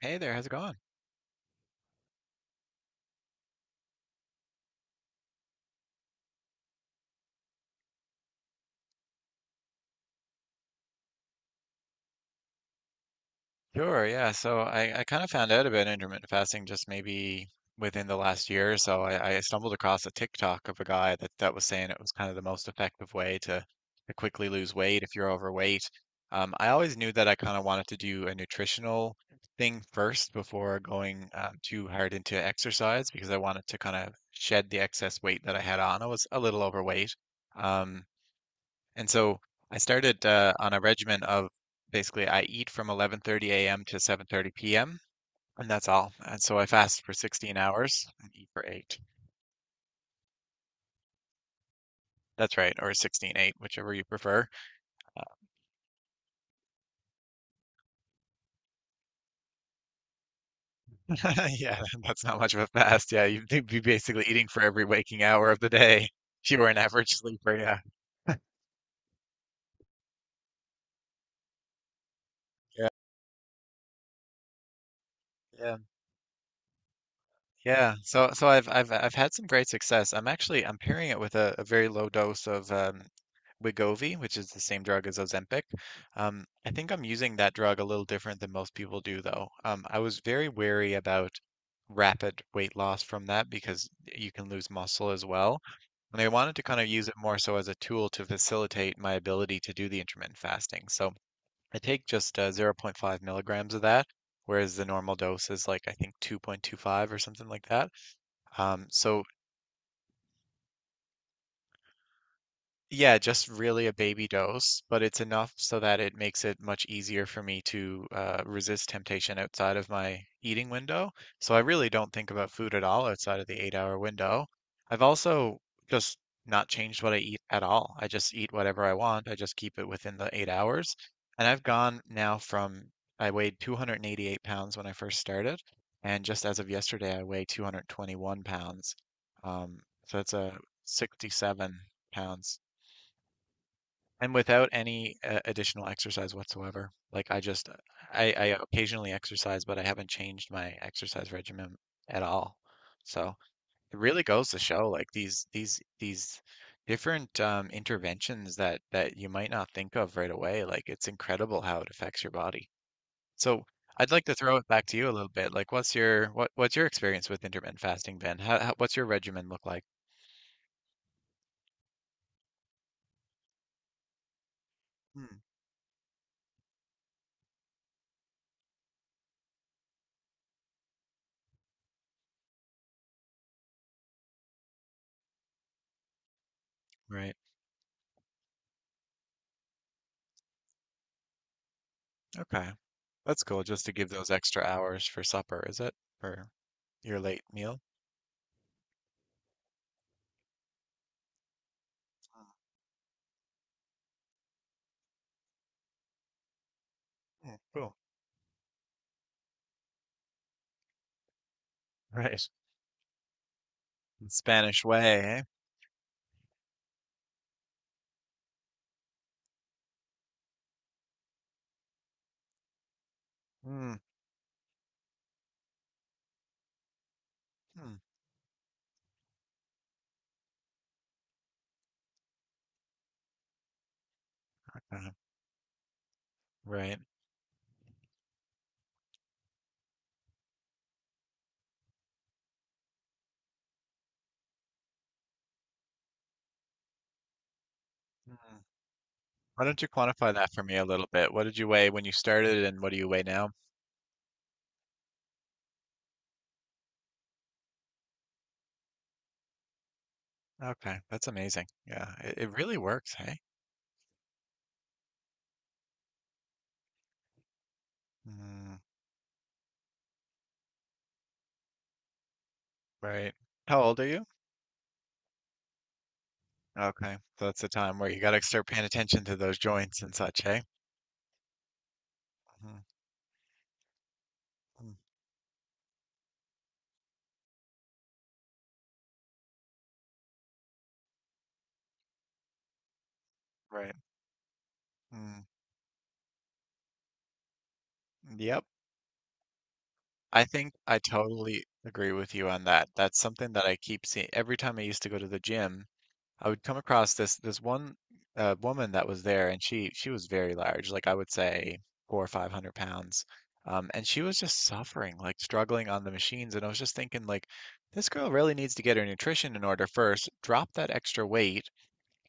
Hey there, how's it going? Sure, yeah. So I kind of found out about intermittent fasting just maybe within the last year or so. I stumbled across a TikTok of a guy that was saying it was kind of the most effective way to quickly lose weight if you're overweight. I always knew that I kind of wanted to do a nutritional thing first before going too hard into exercise because I wanted to kind of shed the excess weight that I had on. I was a little overweight. Um, And so I started on a regimen of, basically, I eat from 11:30 a.m. to 7:30 p.m., and that's all. And so I fast for 16 hours and eat for eight. That's right, or 16:8, whichever you prefer. Yeah, that's not much of a fast. Yeah, you'd be basically eating for every waking hour of the day if you were an average sleeper. Yeah, yeah, yeah. Yeah, so I've had some great success. I'm actually I'm pairing it with a very low dose of Wegovy, which is the same drug as Ozempic. I think I'm using that drug a little different than most people do, though. I was very wary about rapid weight loss from that because you can lose muscle as well. And I wanted to kind of use it more so as a tool to facilitate my ability to do the intermittent fasting. So I take just zero point 0.5 milligrams of that, whereas the normal dose is like I think 2.25 or something like that. So. Yeah, just really a baby dose, but it's enough so that it makes it much easier for me to resist temptation outside of my eating window. So I really don't think about food at all outside of the 8-hour window. I've also just not changed what I eat at all. I just eat whatever I want. I just keep it within the 8 hours. And I've gone now from, I weighed 288 pounds when I first started. And just as of yesterday, I weigh 221 pounds. Um, so that's a 67 pounds and without any additional exercise whatsoever. Like I occasionally exercise, but I haven't changed my exercise regimen at all. So it really goes to show, like these different interventions that you might not think of right away. Like it's incredible how it affects your body. So. I'd like to throw it back to you a little bit. Like, what's your experience with intermittent fasting, Ben? How, what's your regimen look like? Hmm, right. Okay. That's cool, just to give those extra hours for supper, is it? For your late meal? Mm, mm, cool. Right. Spanish way, eh? Mm, mm, okay. Right. Mm. Why don't you quantify that for me a little bit? What did you weigh when you started and what do you weigh now? Okay, that's amazing. Yeah, it really works, hey? Mm, right. How old are you? Okay, so that's the time where you got to start paying attention to those joints and such, hey? Mhm, mm, right. Mm, yep. I think I totally agree with you on that. That's something that I keep seeing. Every time I used to go to the gym, I would come across this one woman that was there, and she was very large, like I would say four or five hundred pounds, and she was just suffering, like struggling on the machines. And I was just thinking, like, this girl really needs to get her nutrition in order first, drop that extra weight,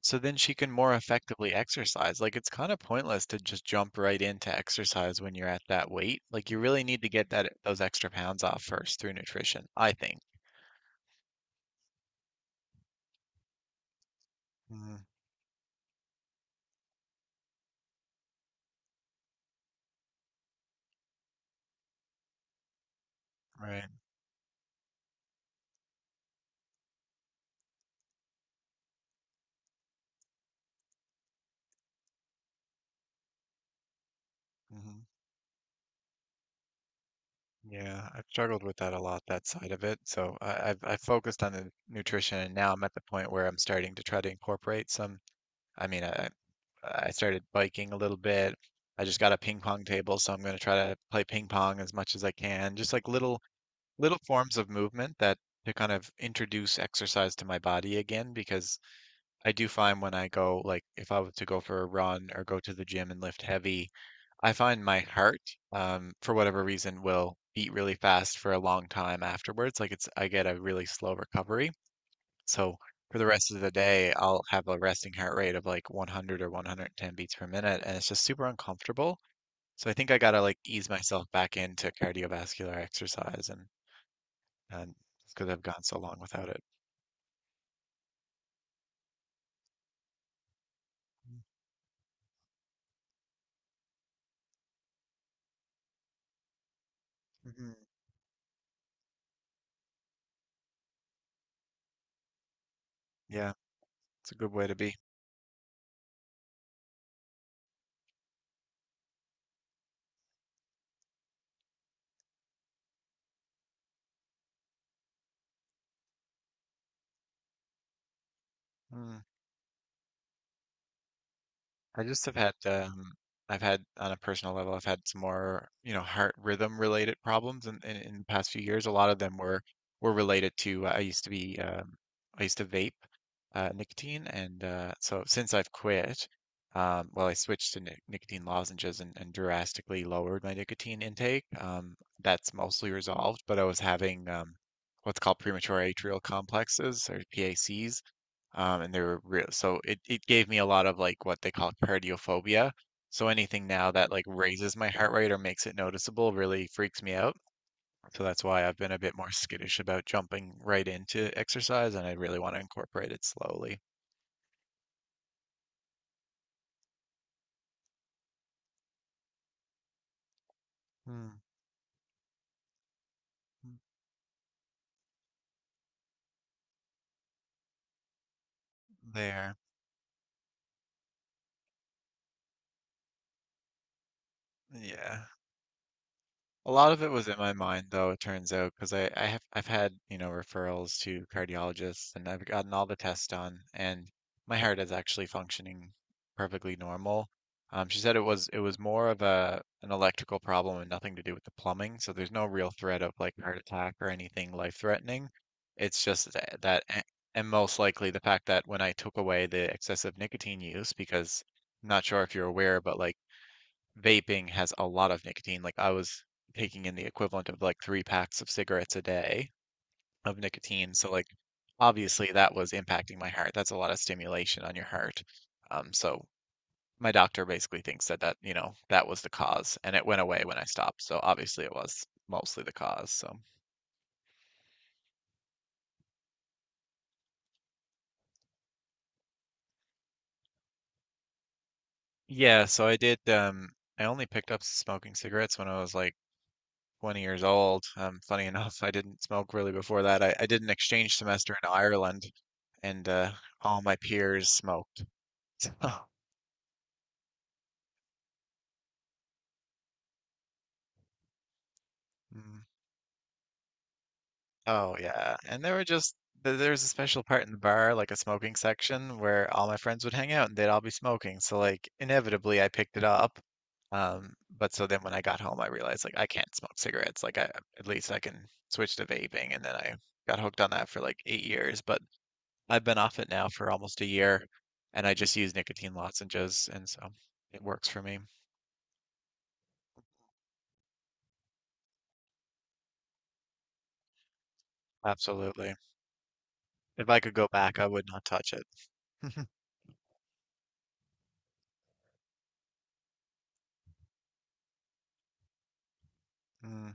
so then she can more effectively exercise. Like it's kind of pointless to just jump right into exercise when you're at that weight. Like you really need to get that those extra pounds off first through nutrition, I think. Mm, right. Hmm. Yeah, I've struggled with that a lot, that side of it. So I've focused on the nutrition, and now I'm at the point where I'm starting to try to incorporate some. I mean, I started biking a little bit. I just got a ping pong table, so I'm going to try to play ping pong as much as I can. Just like little forms of movement that to kind of introduce exercise to my body again, because I do find when I go, like if I were to go for a run or go to the gym and lift heavy, I find my heart for whatever reason will beat really fast for a long time afterwards. Like it's I get a really slow recovery. So for the rest of the day, I'll have a resting heart rate of like 100 or 110 beats per minute, and it's just super uncomfortable. So I think I gotta like ease myself back into cardiovascular exercise, and and just because I have gone so long without it. Hmm. Yeah, it's a good way to be. Mm. I just have had I've had, on a personal level, I've had some more, heart rhythm related problems in the past few years. A lot of them were related to I used to be I used to vape nicotine, and so since I've quit, well, I switched to nicotine lozenges, and drastically lowered my nicotine intake. That's mostly resolved, but I was having what's called premature atrial complexes, or PACs, and they were real. So it gave me a lot of like what they call cardiophobia. So anything now that like raises my heart rate or makes it noticeable really freaks me out. So that's why I've been a bit more skittish about jumping right into exercise, and I really want to incorporate it slowly. Hmm, there. Yeah. A lot of it was in my mind, though, it turns out, because I've had, referrals to cardiologists, and I've gotten all the tests done, and my heart is actually functioning perfectly normal. She said it was more of a an electrical problem, and nothing to do with the plumbing, so there's no real threat of like heart attack or anything life-threatening. It's just that, that a- and most likely the fact that when I took away the excessive nicotine use, because I'm not sure if you're aware, but like vaping has a lot of nicotine. Like I was taking in the equivalent of like three packs of cigarettes a day of nicotine. So like obviously that was impacting my heart. That's a lot of stimulation on your heart. So my doctor basically thinks that that was the cause, and it went away when I stopped. So obviously it was mostly the cause. So. Yeah, I only picked up smoking cigarettes when I was like 20 years old. Funny enough, I didn't smoke really before that. I did an exchange semester in Ireland, and all my peers smoked. So, mm, oh yeah, and there were just th- there was a special part in the bar, like a smoking section, where all my friends would hang out and they'd all be smoking. So like inevitably, I picked it up. But so then when I got home, I realized like I can't smoke cigarettes. Like I at least I can switch to vaping, and then I got hooked on that for like 8 years. But I've been off it now for almost a year, and I just use nicotine lozenges, and so it works for me. Absolutely. If I could go back, I would not touch it. Mm,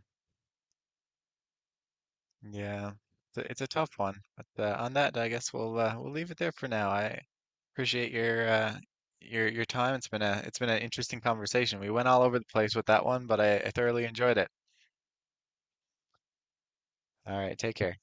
yeah, it's a tough one. But on that, I guess we'll we'll leave it there for now. I appreciate your time. It's been an interesting conversation. We went all over the place with that one, but I thoroughly enjoyed it. All right, take care.